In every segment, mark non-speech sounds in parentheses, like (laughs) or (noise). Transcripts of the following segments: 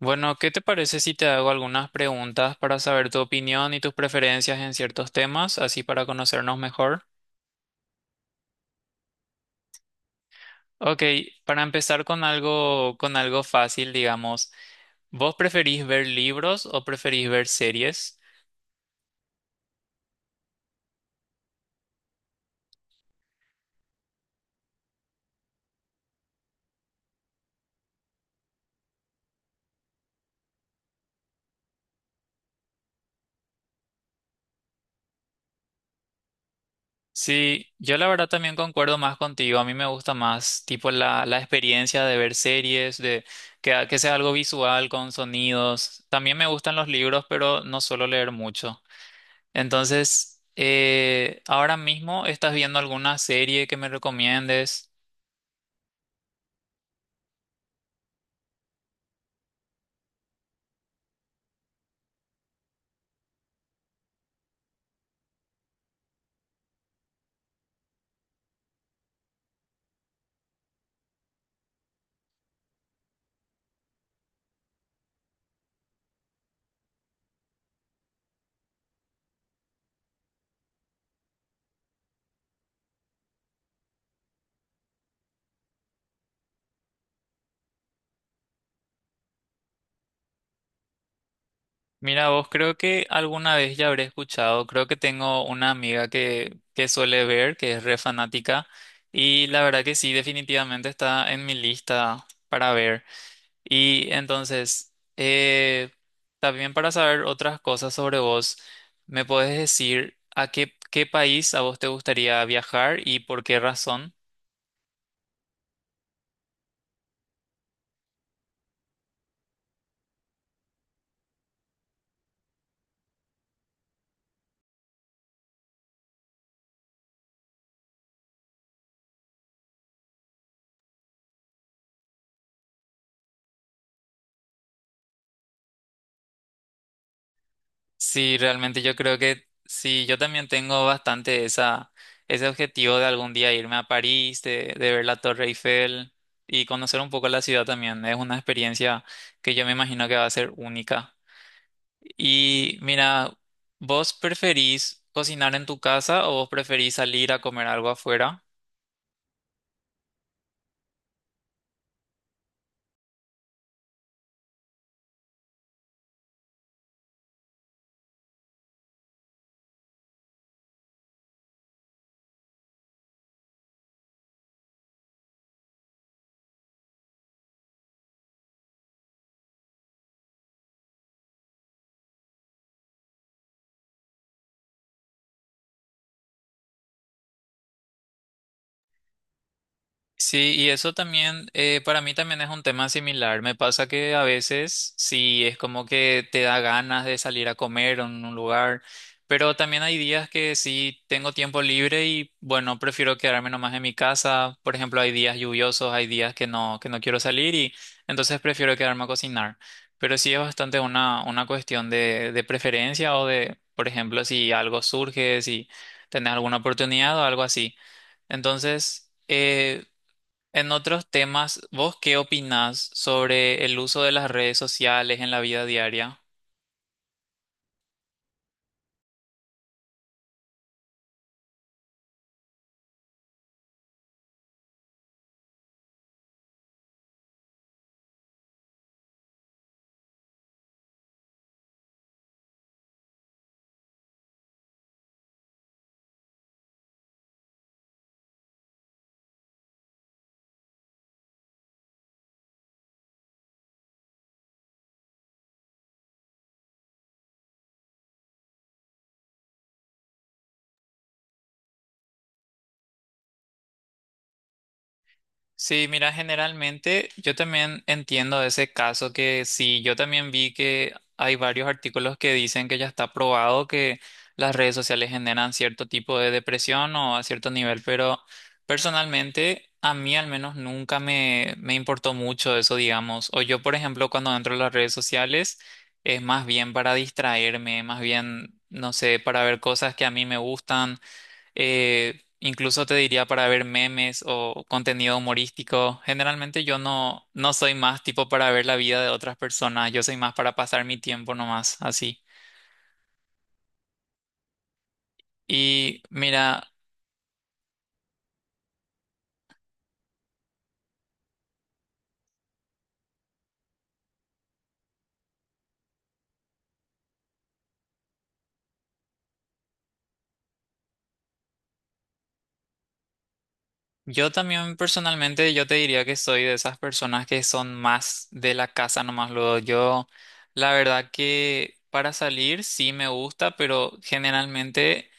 Bueno, ¿qué te parece si te hago algunas preguntas para saber tu opinión y tus preferencias en ciertos temas, así para conocernos mejor? Ok, para empezar con algo fácil, digamos, ¿vos preferís ver libros o preferís ver series? Sí, yo la verdad también concuerdo más contigo, a mí me gusta más tipo la experiencia de ver series, de que sea algo visual, con sonidos. También me gustan los libros, pero no suelo leer mucho. Entonces, ahora mismo estás viendo alguna serie que me recomiendes. Mira, vos creo que alguna vez ya habré escuchado, creo que tengo una amiga que suele ver, que es re fanática, y la verdad que sí, definitivamente está en mi lista para ver. Y entonces, también para saber otras cosas sobre vos, ¿me puedes decir a qué país a vos te gustaría viajar y por qué razón? Sí, realmente yo creo que sí, yo también tengo bastante ese objetivo de algún día irme a París, de ver la Torre Eiffel y conocer un poco la ciudad también. Es una experiencia que yo me imagino que va a ser única. Y mira, ¿vos preferís cocinar en tu casa o vos preferís salir a comer algo afuera? Sí, y eso también, para mí también es un tema similar. Me pasa que a veces sí es como que te da ganas de salir a comer en un lugar, pero también hay días que sí tengo tiempo libre y bueno, prefiero quedarme nomás en mi casa. Por ejemplo, hay días lluviosos, hay días que no quiero salir y entonces prefiero quedarme a cocinar. Pero sí es bastante una cuestión de preferencia o de, por ejemplo, si algo surge, si tenés alguna oportunidad o algo así. Entonces, en otros temas, ¿vos qué opinás sobre el uso de las redes sociales en la vida diaria? Sí, mira, generalmente yo también entiendo ese caso que sí, yo también vi que hay varios artículos que dicen que ya está probado que las redes sociales generan cierto tipo de depresión o a cierto nivel, pero personalmente a mí al menos nunca me importó mucho eso, digamos. O yo, por ejemplo, cuando entro a las redes sociales es más bien para distraerme, más bien, no sé, para ver cosas que a mí me gustan incluso te diría para ver memes o contenido humorístico. Generalmente yo no, no soy más tipo para ver la vida de otras personas, yo soy más para pasar mi tiempo nomás, así. Y mira, yo también personalmente yo te diría que soy de esas personas que son más de la casa nomás luego. Yo, la verdad que para salir sí me gusta, pero generalmente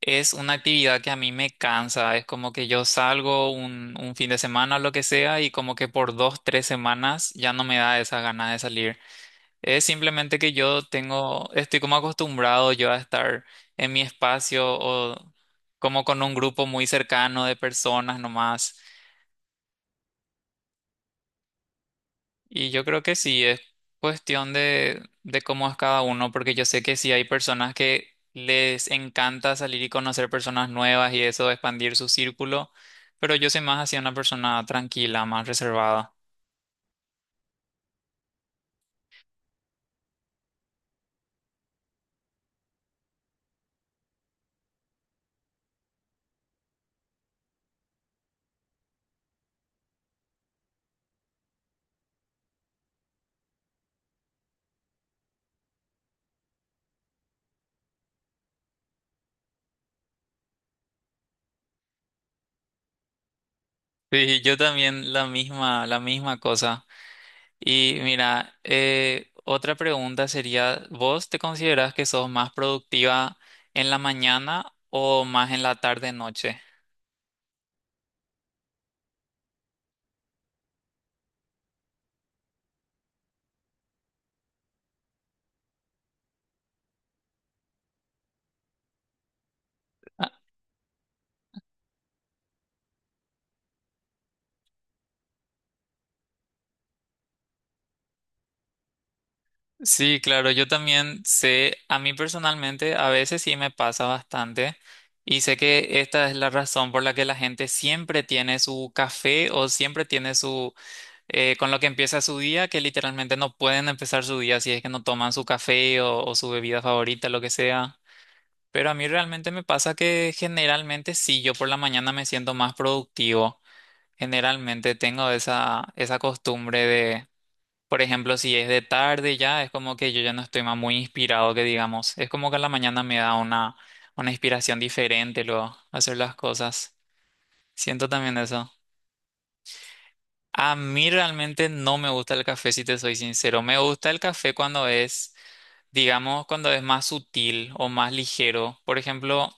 es una actividad que a mí me cansa, es como que yo salgo un fin de semana o lo que sea y como que por dos, tres semanas ya no me da esa gana de salir. Es simplemente que yo tengo, estoy como acostumbrado yo a estar en mi espacio o como con un grupo muy cercano de personas nomás. Y yo creo que sí, es cuestión de cómo es cada uno, porque yo sé que sí hay personas que les encanta salir y conocer personas nuevas y eso, expandir su círculo, pero yo soy más hacia una persona tranquila, más reservada. (laughs) Sí, yo también la misma cosa. Y mira, otra pregunta sería, ¿vos te considerás que sos más productiva en la mañana o más en la tarde-noche? Sí, claro, yo también sé, a mí personalmente a veces sí me pasa bastante y sé que esta es la razón por la que la gente siempre tiene su café o siempre tiene con lo que empieza su día, que literalmente no pueden empezar su día si es que no toman su café o su bebida favorita, lo que sea. Pero a mí realmente me pasa que generalmente sí, yo por la mañana me siento más productivo. Generalmente tengo esa, esa costumbre por ejemplo, si es de tarde ya, es como que yo ya no estoy más muy inspirado, que digamos. Es como que en la mañana me da una inspiración diferente luego hacer las cosas. Siento también eso. A mí realmente no me gusta el café, si te soy sincero. Me gusta el café cuando es, digamos, cuando es más sutil o más ligero. Por ejemplo,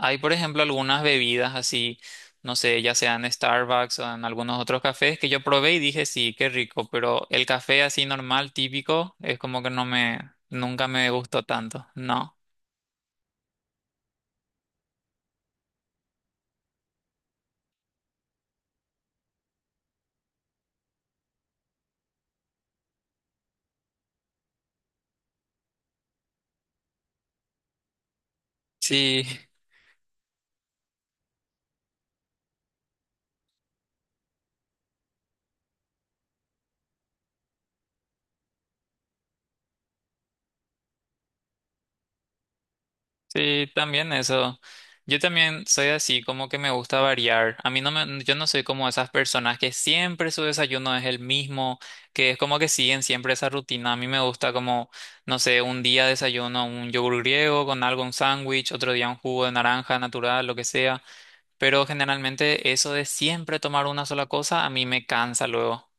hay, por ejemplo, algunas bebidas así, no sé, ya sea en Starbucks o en algunos otros cafés que yo probé y dije, sí, qué rico, pero el café así normal, típico, es como que no me, nunca me gustó tanto, ¿no? Sí, sí, también eso. Yo también soy así, como que me gusta variar. A mí no me, yo no soy como esas personas que siempre su desayuno es el mismo, que es como que siguen siempre esa rutina. A mí me gusta como, no sé, un día desayuno un yogur griego con algo, un sándwich, otro día un jugo de naranja natural, lo que sea. Pero generalmente eso de siempre tomar una sola cosa, a mí me cansa luego.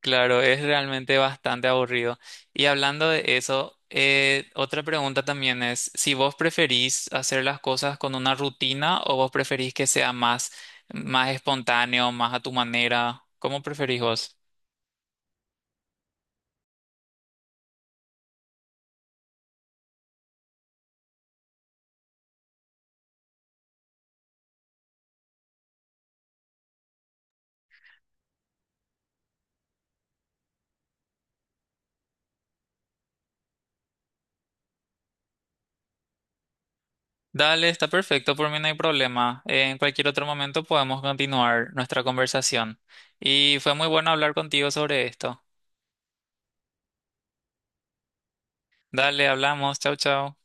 Claro, es realmente bastante aburrido. Y hablando de eso, otra pregunta también es si vos preferís hacer las cosas con una rutina o vos preferís que sea más, más espontáneo, más a tu manera. ¿Cómo preferís vos? Dale, está perfecto, por mí no hay problema. En cualquier otro momento podemos continuar nuestra conversación. Y fue muy bueno hablar contigo sobre esto. Dale, hablamos. Chau, chau.